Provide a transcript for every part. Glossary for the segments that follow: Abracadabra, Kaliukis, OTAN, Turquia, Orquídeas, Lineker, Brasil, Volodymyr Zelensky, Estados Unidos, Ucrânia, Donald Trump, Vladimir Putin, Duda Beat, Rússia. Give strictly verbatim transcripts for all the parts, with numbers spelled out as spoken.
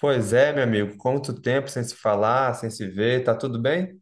Pois é, meu amigo, quanto tempo sem se falar, sem se ver, tá tudo bem?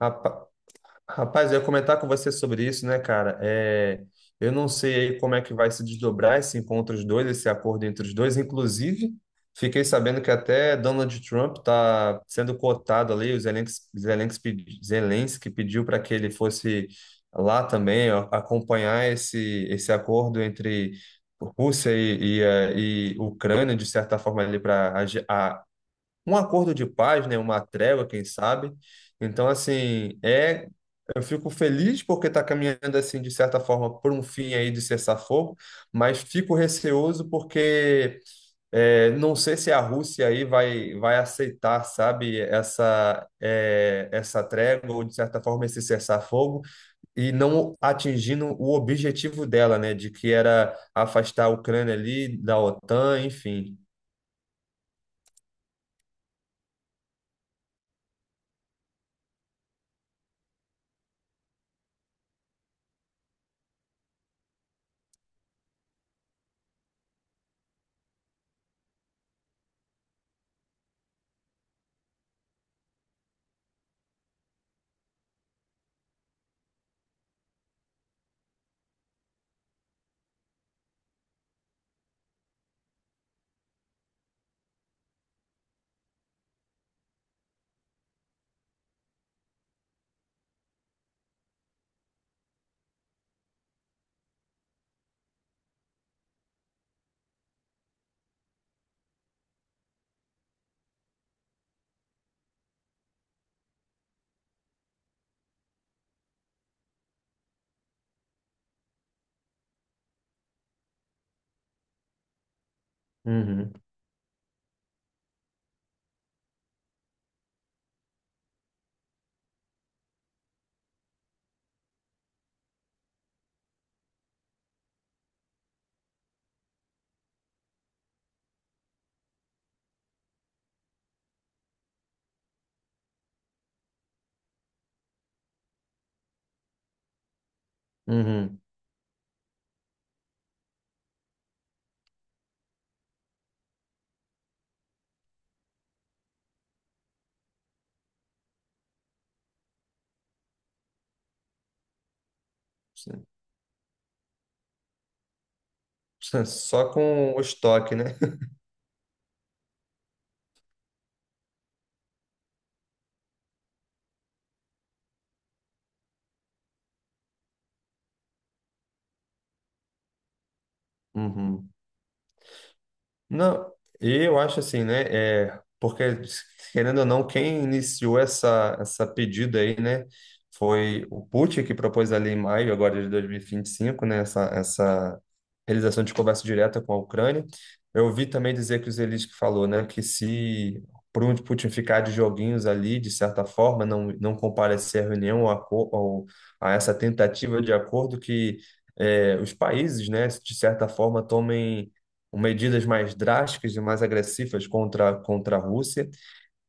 Rapa- Rapaz, eu ia comentar com você sobre isso, né, cara? É, eu não sei aí como é que vai se desdobrar esse encontro dos dois, esse acordo entre os dois. Inclusive, fiquei sabendo que até Donald Trump tá sendo cotado ali, o Zelensky, Zelensky, pedi- Zelensky pediu para que ele fosse lá também ó, acompanhar esse, esse acordo entre. Rússia e, e, eh, e Ucrânia, de certa forma, ali para um acordo de paz, né? Uma trégua, quem sabe. Então, assim, é, eu fico feliz porque está caminhando, assim, de certa forma, por um fim aí de cessar-fogo, mas fico receoso porque é, não sei se a Rússia aí vai, vai aceitar, sabe, essa, é, essa trégua ou, de certa forma, esse cessar-fogo e não atingindo o objetivo dela, né, de que era afastar a Ucrânia ali da O TAN, enfim. Uhum, uhum. Só com o estoque, né? Uhum. Não, eu acho assim, né? É, porque, querendo ou não, quem iniciou essa, essa pedida aí, né? Foi o Putin que propôs ali em maio, agora de dois mil e vinte e cinco, né? Essa, essa realização de conversa direta com a Ucrânia. Eu ouvi também dizer que o Zelensky falou, né? Que se por um Putin ficar de joguinhos ali, de certa forma, não, não comparecer à reunião ou a, co- ou a essa tentativa de acordo que eh, os países, né? De certa forma, tomem com medidas mais drásticas e mais agressivas contra, contra a Rússia.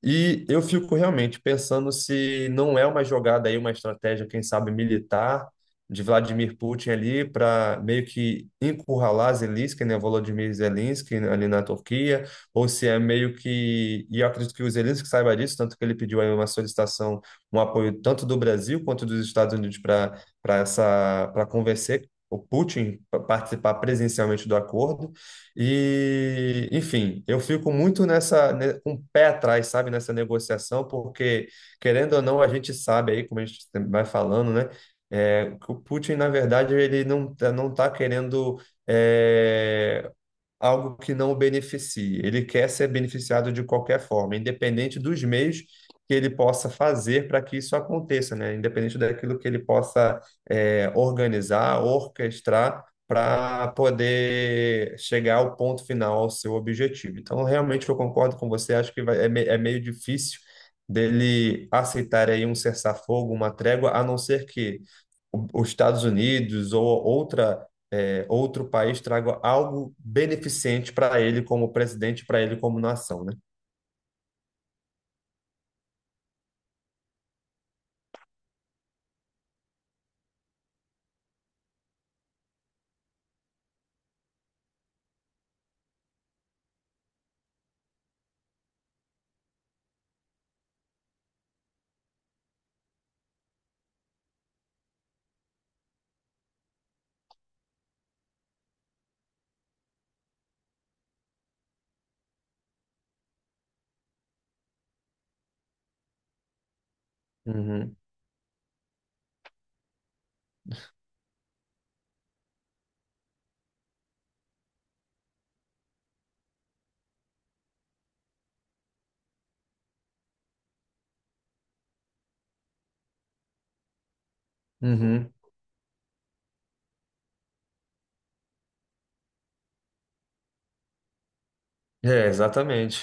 E eu fico realmente pensando se não é uma jogada aí, uma estratégia, quem sabe, militar de Vladimir Putin ali para meio que encurralar Zelensky, né, Volodymyr Zelensky ali na Turquia, ou se é meio que, e eu acredito que o Zelensky saiba disso, tanto que ele pediu aí uma solicitação, um apoio tanto do Brasil quanto dos Estados Unidos para para essa para convencer o Putin a participar presencialmente do acordo. E, enfim, eu fico muito nessa, né, com o pé atrás, sabe, nessa negociação, porque, querendo ou não, a gente sabe aí, como a gente vai falando, né, é, que o Putin, na verdade, ele não, tá- não está querendo eh, algo que não o beneficie. Ele quer ser beneficiado de qualquer forma, independente dos meios que ele possa fazer para que isso aconteça, né? Independente daquilo que ele possa eh, organizar, orquestrar para poder chegar ao ponto final, ao seu objetivo. Então, realmente eu concordo com você, acho que vai- é, me- é meio difícil dele aceitar aí um cessar-fogo, uma trégua, a não ser que o- os Estados Unidos ou outra é, outro país traga algo beneficente para ele como presidente, para ele como nação, né? Uhum, uhum. É, exatamente.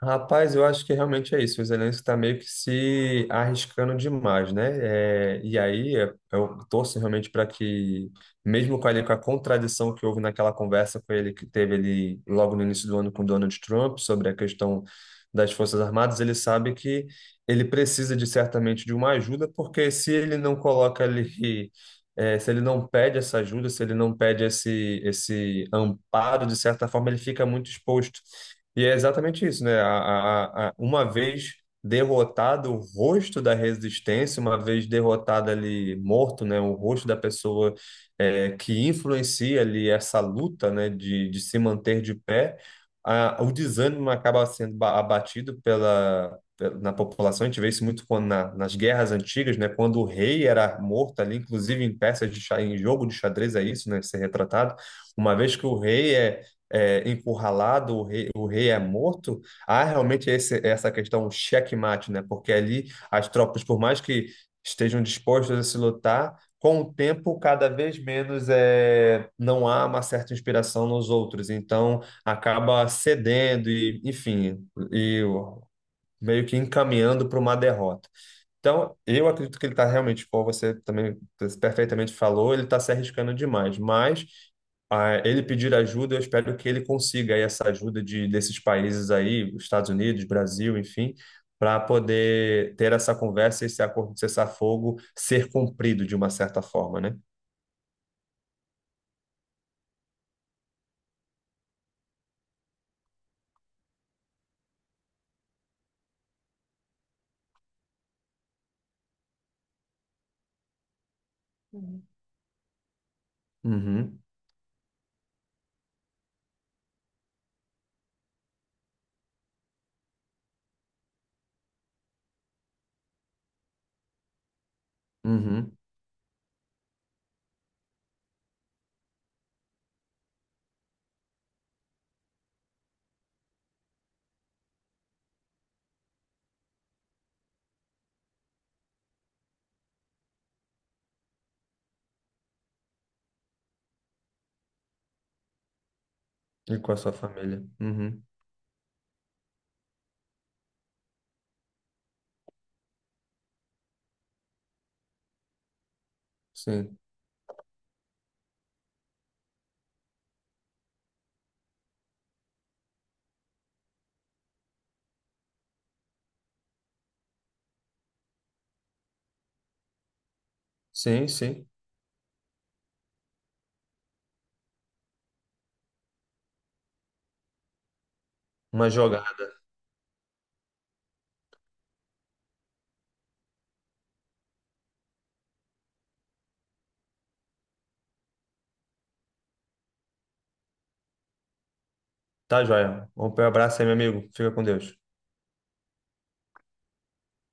Rapaz, eu acho que realmente é isso. O Zelensky está meio que se arriscando demais, né? É, e aí é, eu torço realmente para que, mesmo com, ele, com a contradição que houve naquela conversa com ele que teve ali logo no início do ano com Donald Trump sobre a questão das Forças Armadas, ele sabe que ele precisa de certamente de uma ajuda, porque se ele não coloca ali É, se ele não pede essa ajuda, se ele não pede esse, esse amparo, de certa forma, ele fica muito exposto. E é exatamente isso, né? A, a- a- uma vez derrotado o rosto da resistência, uma vez derrotado ali, morto, né? O rosto da pessoa é, que influencia ali essa luta, né? De, de se manter de pé, a, o desânimo acaba sendo ba- abatido pela, pe- na população. A gente vê isso muito quando na- nas guerras antigas, né? Quando o rei era morto ali, inclusive em peças de xadrez, em jogo de xadrez é isso, né? Ser retratado. Uma vez que o rei é é, encurralado, o rei, o rei é morto, há realmente esse, essa questão checkmate, né? Porque ali as tropas, por mais que estejam dispostas a se lutar, com o tempo cada vez menos é, não há uma certa inspiração nos outros, então acaba cedendo e, enfim, e meio que encaminhando para uma derrota. Então, eu acredito que ele está realmente, como você também perfeitamente falou, ele está se arriscando demais, mas ah, ele pedir ajuda, eu espero que ele consiga aí essa ajuda de, desses países aí, Estados Unidos, Brasil, enfim, para poder ter essa conversa e esse acordo de cessar-fogo ser cumprido de uma certa forma, né? Uhum, uhum. E com a sua família. Uhum. Sim, sim, sim. Uma jogada. Tá, joia. Um abraço aí, meu amigo. Fica com Deus.